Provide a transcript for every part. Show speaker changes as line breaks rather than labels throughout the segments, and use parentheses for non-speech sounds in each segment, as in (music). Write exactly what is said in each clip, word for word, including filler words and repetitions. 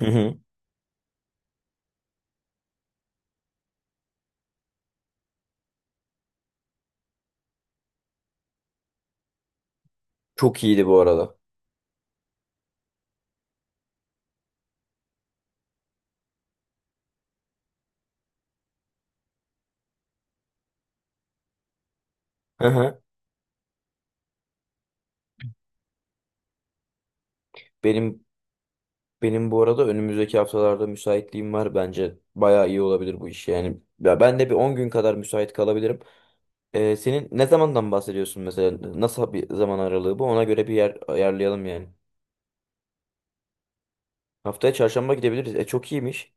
Hı hı. Çok iyiydi bu arada. Hı hı. Benim benim bu arada önümüzdeki haftalarda müsaitliğim var. Bence bayağı iyi olabilir bu iş yani. Ya ben de bir on gün kadar müsait kalabilirim. Ee, senin ne zamandan bahsediyorsun mesela? Nasıl bir zaman aralığı bu? Ona göre bir yer ayarlayalım yani. Haftaya çarşamba gidebiliriz. E çok iyiymiş.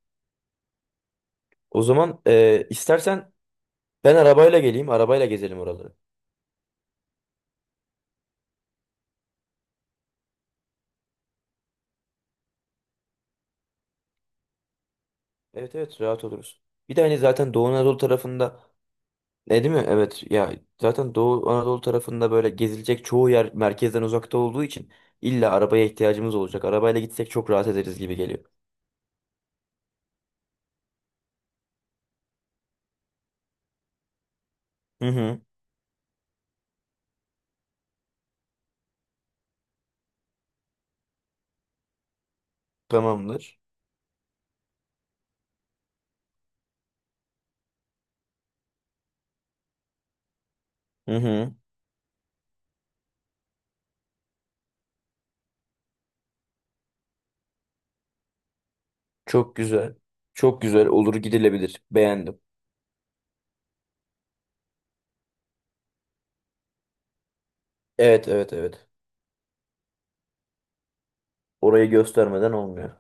O zaman e, istersen ben arabayla geleyim. Arabayla gezelim oraları. Evet evet, rahat oluruz. Bir de hani zaten Doğu Anadolu tarafında. E değil mi? Evet ya, zaten Doğu Anadolu tarafında böyle gezilecek çoğu yer merkezden uzakta olduğu için illa arabaya ihtiyacımız olacak. Arabayla gitsek çok rahat ederiz gibi geliyor. Hı hı. Tamamdır. Hı hı. Çok güzel. Çok güzel olur, gidilebilir. Beğendim. Evet evet evet. Orayı göstermeden olmuyor.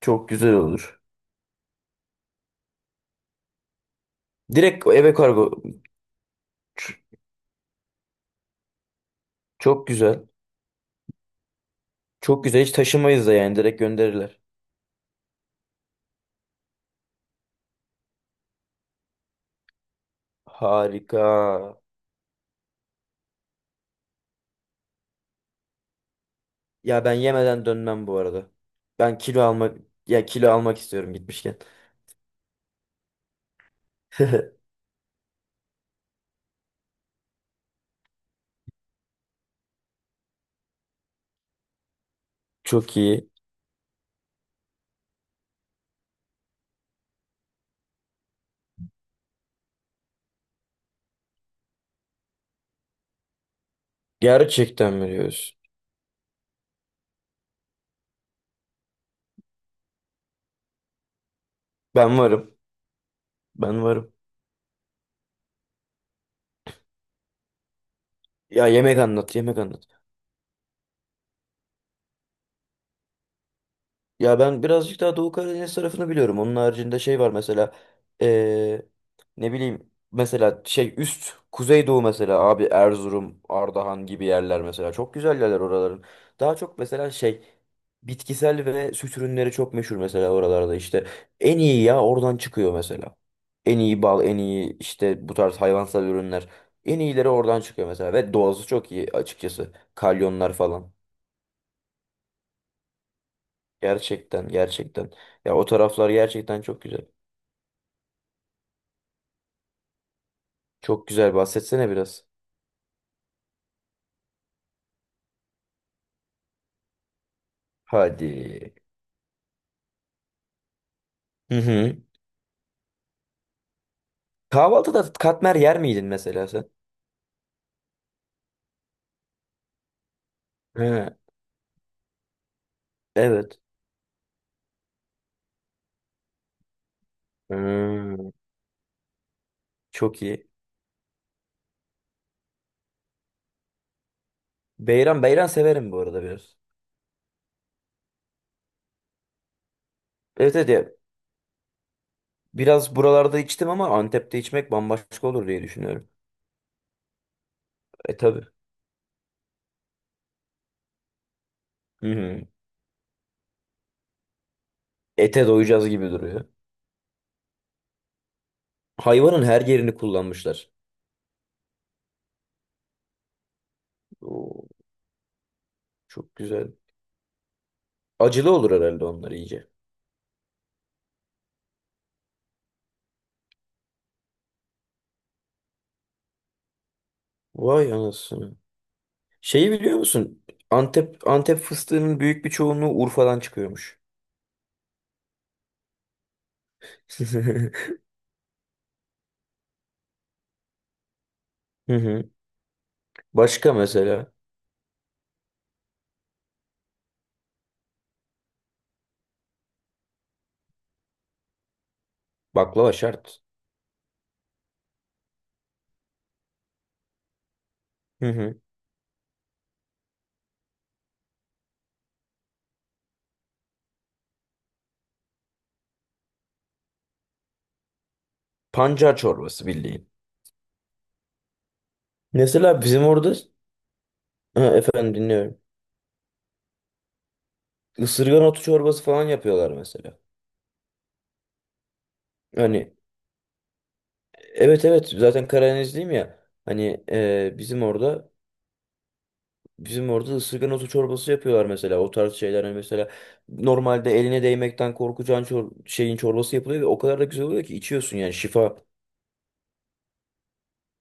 Çok güzel olur. Direkt eve kargo. Ç- Çok güzel. Çok güzel. Hiç taşımayız da yani, direkt gönderirler. Harika. Ya ben yemeden dönmem bu arada. Ben kilo almak Ya kilo almak istiyorum gitmişken. (laughs) Çok iyi. Gerçekten mi diyorsun? Ben varım. Ben varım. Ya yemek anlat, yemek anlat. Ya ben birazcık daha Doğu Karadeniz tarafını biliyorum. Onun haricinde şey var mesela, eee, ne bileyim, mesela şey üst Kuzeydoğu, mesela abi Erzurum, Ardahan gibi yerler mesela, çok güzel yerler oraların. Daha çok mesela şey, bitkisel ve süt ürünleri çok meşhur mesela oralarda, işte en iyi ya oradan çıkıyor mesela. En iyi bal, en iyi işte bu tarz hayvansal ürünler. En iyileri oradan çıkıyor mesela ve doğası çok iyi açıkçası. Kalyonlar falan. Gerçekten gerçekten. Ya o taraflar gerçekten çok güzel. Çok güzel, bahsetsene biraz. Hadi. Hı hı. Kahvaltıda katmer yer miydin mesela sen? He. Evet. Hmm. Çok iyi. Beyran, beyran severim bu arada biraz. Evet evet ya. Biraz buralarda içtim ama Antep'te içmek bambaşka olur diye düşünüyorum. E tabii. Hı hı. Ete doyacağız gibi duruyor. Hayvanın her yerini kullanmışlar. Oo, çok güzel. Acılı olur herhalde onlar iyice. Vay anasını. Şeyi biliyor musun? Antep, Antep fıstığının büyük bir çoğunluğu Urfa'dan çıkıyormuş. (laughs) Hı hı. Başka mesela, baklava şart. Hı hı. Pancar çorbası bildiğin. Mesela bizim orada, ha, efendim, dinliyorum. Isırgan otu çorbası falan yapıyorlar mesela. Hani evet evet, zaten Karadenizliyim ya. Hani e, bizim orada, bizim orada ısırgan otu çorbası yapıyorlar mesela. O tarz şeyler hani, mesela normalde eline değmekten korkacağın çor- şeyin çorbası yapılıyor ve o kadar da güzel oluyor ki içiyorsun, yani şifa.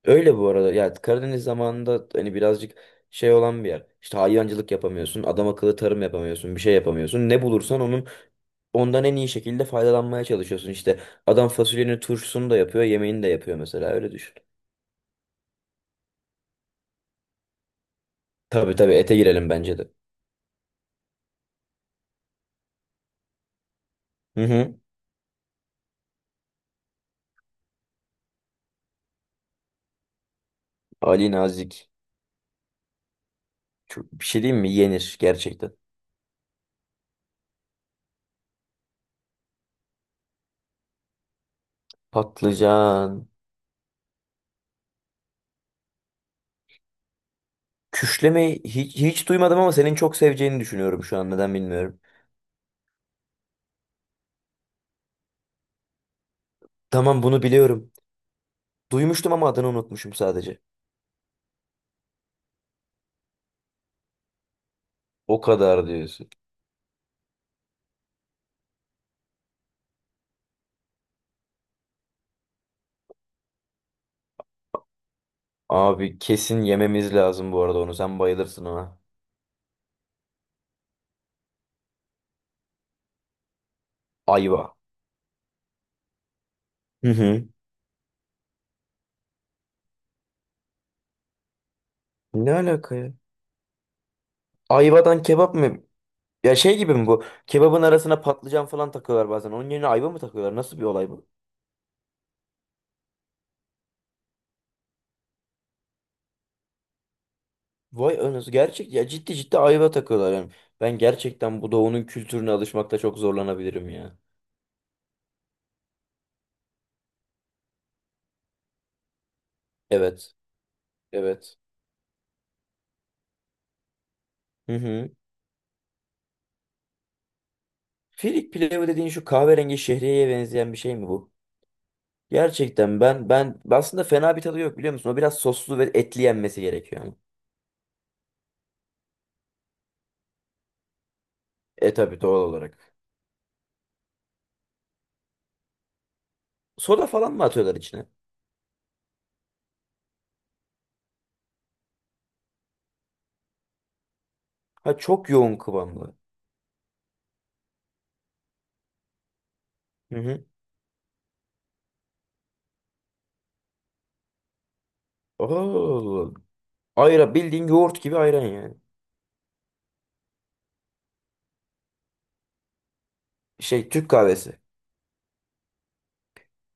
Öyle bu arada. Ya Karadeniz zamanında hani birazcık şey olan bir yer. İşte hayvancılık yapamıyorsun, adam akıllı tarım yapamıyorsun, bir şey yapamıyorsun. Ne bulursan onun, ondan en iyi şekilde faydalanmaya çalışıyorsun. İşte adam fasulyenin turşusunu da yapıyor, yemeğini de yapıyor mesela. Öyle düşün. Tabii tabii, ete girelim bence de. Hı hı. Ali Nazik. Çok, bir şey diyeyim mi? Yenir gerçekten. Patlıcan. Küşlemeyi hiç, hiç duymadım ama senin çok seveceğini düşünüyorum şu an. Neden bilmiyorum. Tamam, bunu biliyorum. Duymuştum ama adını unutmuşum sadece. O kadar diyorsun. Abi kesin yememiz lazım bu arada onu. Sen bayılırsın ona. Ayva. Hı hı. Ne alaka ya? Ayvadan kebap mı? Ya şey gibi mi bu? Kebabın arasına patlıcan falan takıyorlar bazen. Onun yerine ayva mı takıyorlar? Nasıl bir olay bu? Vay anasını. Gerçek ya, ciddi ciddi ayva takıyorlar yani. Ben gerçekten bu doğunun kültürüne alışmakta çok zorlanabilirim ya. Evet. Evet. Hı hı. Firik pilavı dediğin şu kahverengi şehriyeye benzeyen bir şey mi bu? Gerçekten ben ben aslında fena bir tadı yok biliyor musun? O biraz soslu ve etli yenmesi gerekiyor. E tabii, doğal olarak. Soda falan mı atıyorlar içine? Ha, çok yoğun kıvamlı. Hı hı. Oo. Ayran bildiğin yoğurt gibi ayran yani. Şey, Türk kahvesi.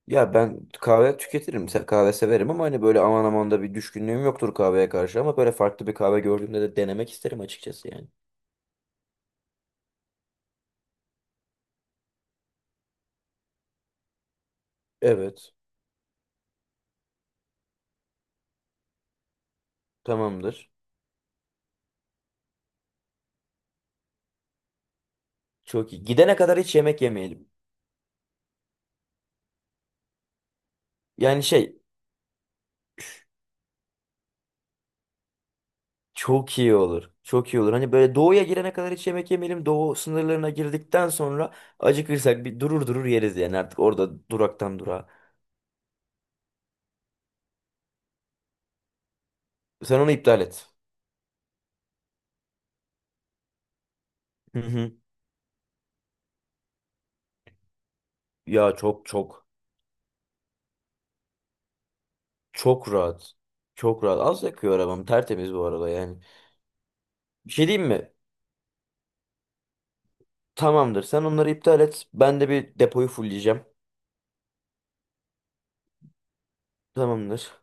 Ya ben kahve tüketirim. se- Kahve severim ama hani böyle aman aman da bir düşkünlüğüm yoktur kahveye karşı, ama böyle farklı bir kahve gördüğümde de denemek isterim açıkçası yani. Evet. Tamamdır. Çok iyi. Gidene kadar hiç yemek yemeyelim. Yani şey Çok iyi olur. Çok iyi olur. Hani böyle doğuya girene kadar hiç yemek yemeyelim. Doğu sınırlarına girdikten sonra acıkırsak bir durur durur yeriz yani, artık orada duraktan durağa. Sen onu iptal et. Hı hı. Ya çok çok çok rahat. Çok rahat. Az yakıyor arabam. Tertemiz bu arada yani. Bir şey diyeyim mi? Tamamdır. Sen onları iptal et. Ben de bir depoyu fulleyeceğim. Tamamdır.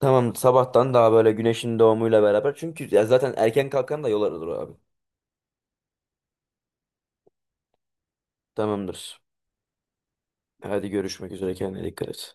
Tamam, sabahtan daha böyle güneşin doğumuyla beraber. Çünkü ya zaten erken kalkan da yol alır abi. Tamamdır. Hadi görüşmek üzere. Kendine dikkat et.